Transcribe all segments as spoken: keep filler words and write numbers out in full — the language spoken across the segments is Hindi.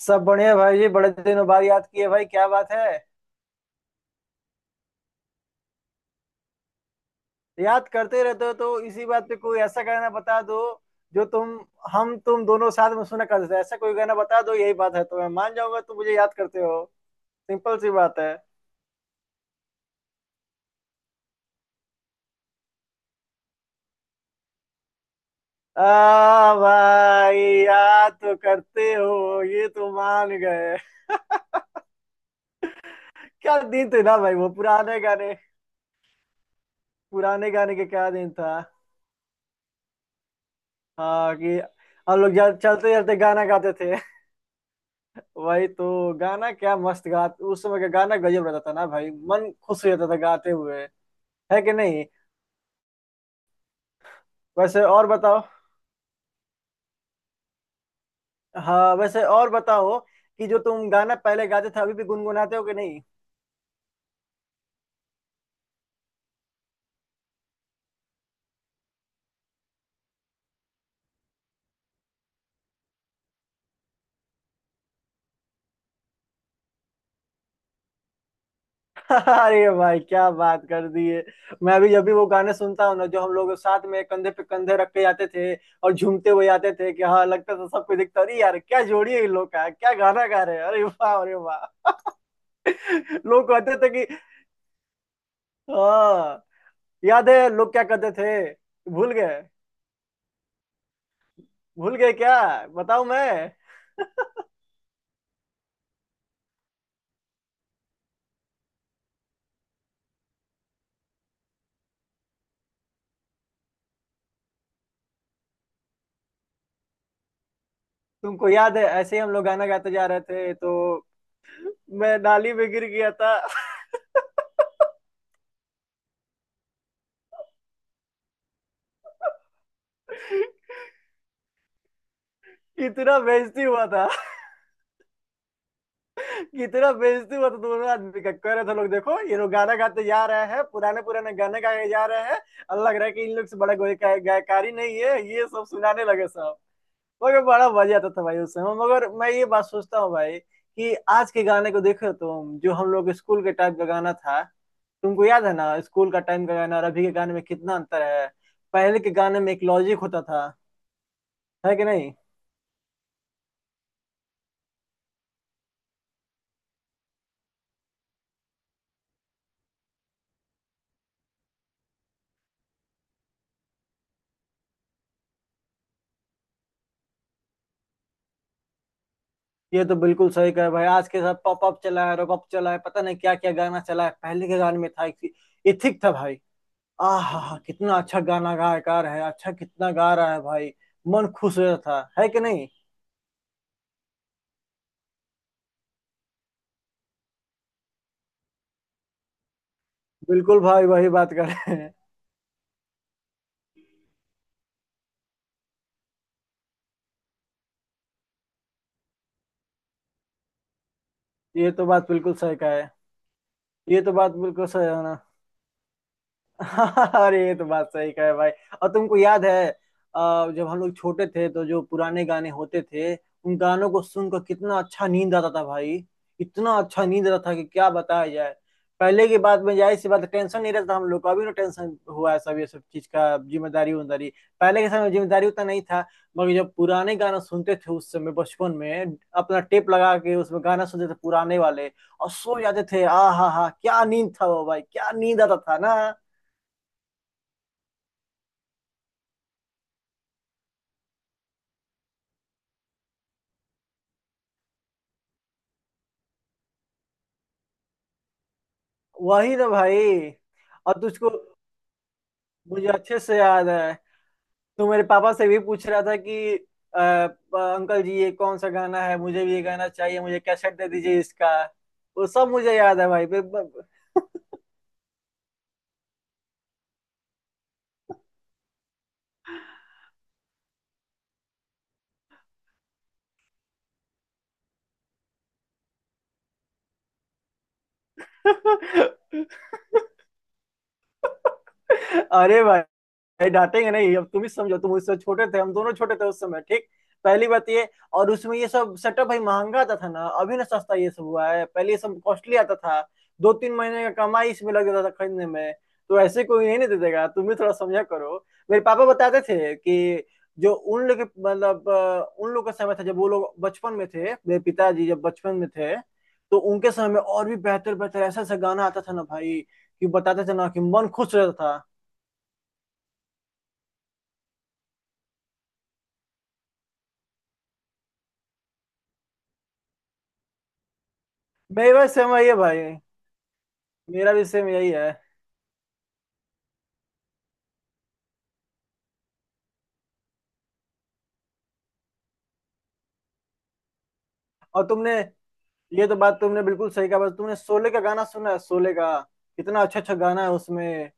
सब बढ़िया भाई जी। बड़े दिनों बाद याद किए भाई, क्या बात है। याद करते रहते हो तो इसी बात पे कोई ऐसा गाना बता दो जो तुम हम तुम दोनों साथ में सुना करते थे। ऐसा कोई गाना बता दो, यही बात है तो मैं मान जाऊंगा तुम मुझे याद करते हो। सिंपल सी बात है। आ भाई, याद तो करते हो, ये तो मान गए। क्या दिन थे ना भाई, वो पुराने गाने। पुराने गाने के क्या दिन था। हाँ कि हम लोग जा- चलते चलते गाना गाते थे। वही तो गाना क्या मस्त गा। उस समय का गाना गजब रहता था ना भाई, मन खुश हो जाता था गाते हुए। है कि नहीं। वैसे और बताओ। हाँ, वैसे और बताओ कि जो तुम गाना पहले गाते थे अभी भी गुनगुनाते हो कि नहीं। अरे भाई, क्या बात कर दी है। मैं अभी जब भी वो गाने सुनता हूँ ना, जो हम लोग साथ में कंधे पे कंधे रख के जाते थे और झूमते हुए आते थे कि हाँ, लगता था सबको दिखता, अरे यार क्या जोड़ी है इन लोग का, क्या गाना गा रहे हैं, अरे वाह अरे वाह। लोग कहते थे कि हाँ। याद है लोग क्या कहते थे। भूल गए। भूल गए क्या। बताऊं मैं। तुमको याद है ऐसे ही हम लोग गाना गाते जा रहे थे तो मैं नाली में गिर गया था। कितना बेइज्जती हुआ था। कितना बेइज्जती हुआ था दोनों आदमी का, कह रहे थे लोग, देखो ये लोग गाना गाते जा रहे हैं, पुराने पुराने गाने गाए जा रहे हैं। और लग रहा है कि इन लोग से बड़ा कोई गाय- गायकारी नहीं है, ये सब सुनाने लगे सब। मगर बड़ा मजा आता था भाई उस समय। मगर मैं ये बात सोचता हूँ भाई कि आज के गाने को देखो तुम, जो हम लोग स्कूल के टाइम का गाना था। तुमको याद है ना स्कूल का टाइम का गाना, और अभी के गाने में कितना अंतर है। पहले के गाने में एक लॉजिक होता था। है कि नहीं। ये तो बिल्कुल सही कहे भाई, आज के साथ पॉप अप चला है, रॉप अप चला है, पता नहीं क्या क्या गाना चला है। पहले के गाने में था एक। ये ठीक था भाई। आहा कितना अच्छा गाना गायकार है, अच्छा कितना गा रहा है भाई। मन खुश हो जाता था, है कि नहीं। बिल्कुल भाई, वही बात कर रहे हैं। ये तो बात बिल्कुल सही का है। ये तो बात बिल्कुल सही है ना। अरे ये तो बात सही कहे भाई। और तुमको याद है, अ, जब हम लोग छोटे थे तो जो पुराने गाने होते थे उन गानों को सुनकर कितना अच्छा नींद आता था भाई। इतना अच्छा नींद आता था कि क्या बताया जाए। पहले की बात में जाहिर सी बात है, टेंशन नहीं रहता था हम लोग को। अभी ना टेंशन हुआ है सब, ये सब चीज का जिम्मेदारी उम्मेदारी। पहले के समय में जिम्मेदारी उतना नहीं था। मगर जब पुराने गाना सुनते थे उस समय बचपन में, अपना टेप लगा के उसमें गाना सुनते थे पुराने वाले, और सो जाते थे। आ हा हा, क्या नींद था वो भाई, क्या नींद आता था ना। वही ना भाई। और तुझको मुझे अच्छे से याद है, तू मेरे पापा से भी पूछ रहा था कि अ, अ, अंकल जी ये कौन सा गाना है, मुझे भी ये गाना चाहिए, मुझे कैसेट दे दीजिए इसका। वो सब मुझे याद है भाई। बे- ब- अरे भाई, नहीं डांटेंगे नहीं, अब तुम ही समझो, तुम उससे छोटे थे, हम दोनों छोटे थे उस समय, ठीक। पहली बात ये। और उसमें ये सब सेटअप भाई महंगा आता था ना, अभी ना सस्ता ये सब हुआ है, पहले ये सब कॉस्टली आता था। दो तीन महीने का कमाई इसमें लग जाता था खरीदने में। तो ऐसे कोई नहीं, नहीं दे देगा, तुम भी थोड़ा समझा करो। मेरे पापा बताते थे कि जो उन लोग के मतलब अ, उन लोग का समय था जब वो लोग बचपन में थे, मेरे पिताजी जब बचपन में थे, तो उनके समय में और भी बेहतर बेहतर ऐसा ऐसा गाना आता था ना भाई, कि बताते थे ना कि मन खुश रहता था। मेरी बात सेम वही है भाई। मेरा भी सेम यही है। और तुमने, ये तो बात तुमने बिल्कुल सही कहा। बस तुमने शोले का गाना सुना है, शोले का। कितना अच्छा अच्छा गाना है उसमें।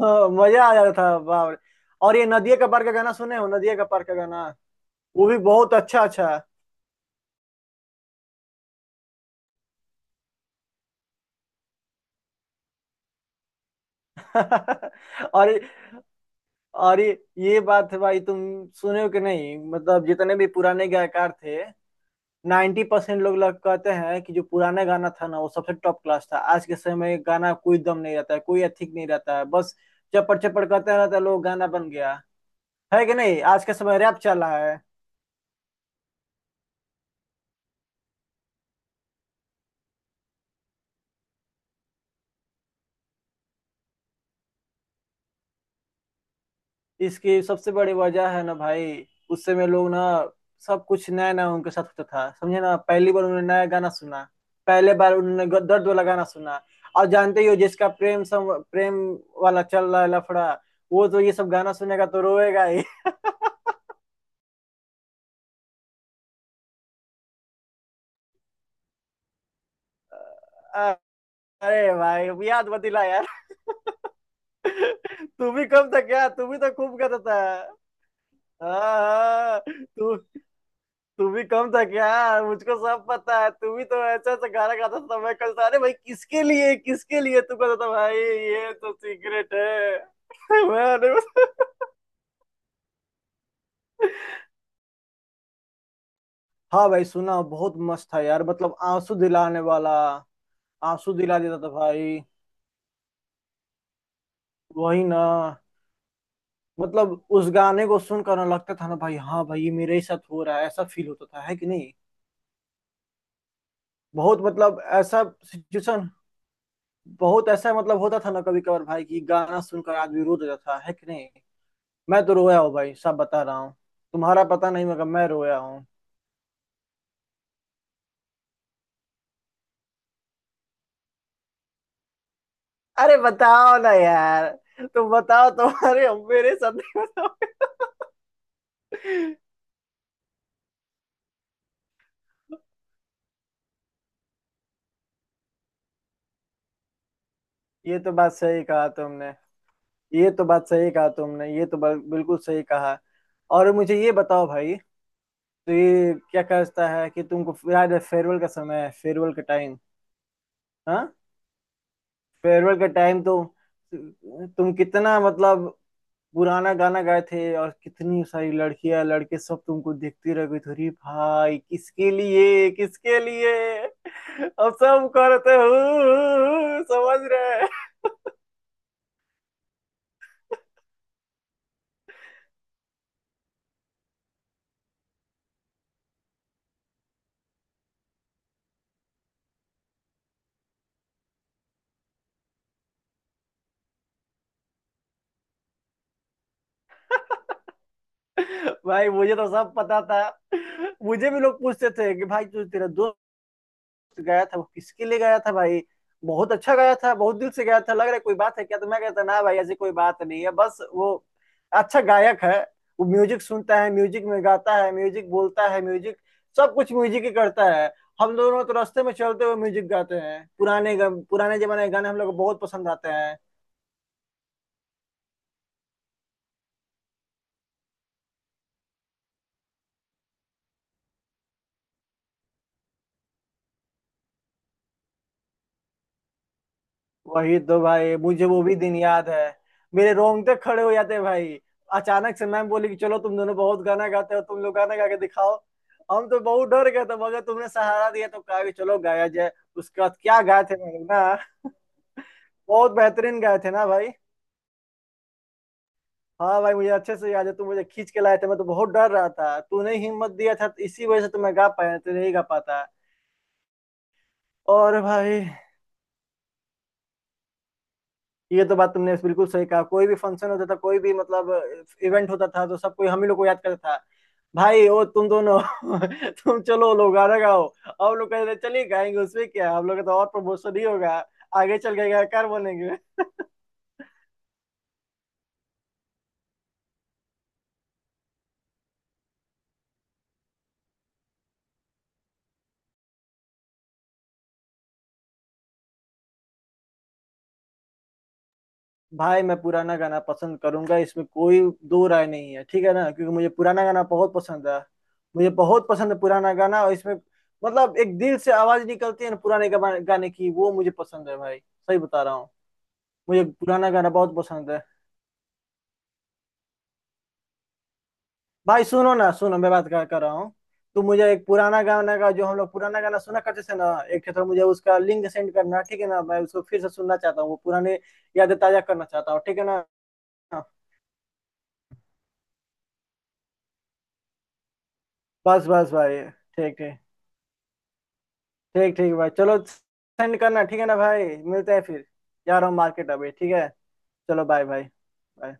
हाँ, मजा आ जाता था बाप रे। और ये नदिया का पार का गाना सुने हो, नदिया का पार का गाना वो भी बहुत अच्छा अच्छा है। और और ये ये बात है भाई। तुम सुने हो कि नहीं, मतलब जितने भी पुराने गायकार थे, नाइन्टी परसेंट लोग लग कहते हैं कि जो पुराना गाना था ना वो सबसे टॉप क्लास था। आज के समय में गाना कोई दम नहीं रहता है, कोई एथिक नहीं रहता है, बस चपड़ चपड़ करते रहता है लोग, गाना बन गया। है कि नहीं, आज के समय रैप चल रहा है। इसकी सबसे बड़ी वजह है ना भाई, उस समय लोग ना सब कुछ नया नया उनके साथ होता था, समझे ना, पहली बार उन्होंने नया गाना सुना, पहले बार उन्होंने ग- दर्द वाला गाना सुना। और जानते ही हो जिसका प्रेम सम प्रेम वाला चल रहा है लफड़ा, वो तो ये सब गाना सुनेगा तो रोएगा ही। अरे भाई, अब याद मत दिला यार। तू भी कम था क्या, तू भी तो खूब करता था। हाँ हाँ, तू तू भी कम था क्या। मुझको सब पता है, तू भी तो ऐसा ऐसा गाना गाता था। मैं कल था, अरे भाई किसके लिए किसके लिए, तू कहता था भाई, ये तो सीक्रेट है। मैं, अरे हाँ भाई, सुना, बहुत मस्त था यार, मतलब आंसू दिलाने वाला। आंसू दिला देता था भाई। वही ना, मतलब उस गाने को सुनकर ना लगता था ना भाई, हाँ भाई ये मेरे ही साथ हो रहा है, ऐसा फील होता था, है कि नहीं। बहुत मतलब ऐसा सिचुएशन, बहुत ऐसा मतलब होता था ना कभी कभार भाई, कि गाना सुनकर आदमी रो देता था, है कि नहीं। मैं तो रोया हूँ भाई सब बता रहा हूँ। तुम्हारा पता नहीं, मगर मैं रोया हूँ। अरे बताओ ना यार, तुम बताओ, तुम्हारे हम मेरे साथ नहीं, बताओ। ये तो बात सही कहा तुमने, ये तो बात सही कहा तुमने, ये तो बा- बिल्कुल सही कहा। और मुझे ये बताओ भाई, तो ये क्या कहता है कि तुमको याद है फेयरवेल का समय है, फेयरवेल का टाइम। हाँ, फेयरवेल का टाइम तो, तुम कितना मतलब पुराना गाना गाए थे, और कितनी सारी लड़कियां लड़के सब तुमको देखते रह गए थे, अरे भाई किसके लिए किसके लिए। अब सब करते हो, समझ रहे। भाई, मुझे तो सब पता था, मुझे भी लोग पूछते थे कि भाई तू, तेरा दोस्त गया था वो किसके लिए गया था भाई, बहुत अच्छा गया था, बहुत दिल से गया था, लग रहा है कोई बात है क्या। तो मैं कहता ना भाई, ऐसी कोई बात नहीं है, बस वो अच्छा गायक है। वो म्यूजिक सुनता है, म्यूजिक में गाता है, म्यूजिक बोलता है, म्यूजिक, सब कुछ म्यूजिक ही करता है। हम दोनों तो रास्ते में चलते हुए म्यूजिक गाते हैं, पुराने गा- पुराने जमाने के गाने हम लोग को बहुत पसंद आते हैं। वही तो भाई, मुझे वो भी दिन याद है। मेरे रोंगटे खड़े हो जाते भाई, अचानक से मैम बोली कि चलो तुम दोनों बहुत गाना गाते हो, तुम लोग गाना गा के दिखाओ। हम तो बहुत डर गए थे, मगर तुमने सहारा दिया तो कहा कि चलो गाया जाए। उसके बाद क्या गाए थे हम लोग ना। बहुत बेहतरीन गाए थे ना भाई। हाँ भाई मुझे अच्छे से याद है, तुम मुझे खींच के लाए थे, मैं तो बहुत डर रहा था, तूने हिम्मत दिया था तो इसी वजह से तो मैं गा पाया, नहीं तो नहीं गा पाता। और भाई, ये तो बात तुमने बिल्कुल सही कहा, कोई भी फंक्शन होता था, कोई भी मतलब इवेंट होता था, तो सब कोई हम ही लोग को याद करता था। भाई ओ तुम दोनों, तुम चलो लोग गाना गाओ। हम लोग कहते थे, चलिए गाएंगे, उसमें क्या है? हम लोग का तो और प्रमोशन ही होगा, आगे चल के गायकार बनेंगे। भाई मैं पुराना गाना पसंद करूंगा, इसमें कोई दो राय नहीं है, ठीक है ना, क्योंकि मुझे पुराना गाना बहुत पसंद है। मुझे बहुत पसंद है पुराना गाना, और इसमें मतलब एक दिल से आवाज निकलती है ना पुराने गा- गाने की, वो मुझे पसंद है भाई, सही बता रहा हूँ। मुझे पुराना गाना बहुत पसंद है। भाई सुनो ना सुनो, मैं बात कर, कर रहा हूँ। तो मुझे एक पुराना गाना का, जो हम लोग पुराना गाना सुना करते थे ना, एक तो मुझे उसका लिंक सेंड करना, ठीक है ना, मैं उसको फिर से सुनना चाहता हूँ, वो पुराने यादें ताजा करना चाहता हूँ, ठीक है ना। बस बस भाई, ठीक ठीक, ठीक ठीक भाई, चलो सेंड करना, ठीक है ना भाई। मिलते हैं फिर, जा रहा हूँ मार्केट अभी, ठीक है। चलो बाय बाय, बाय।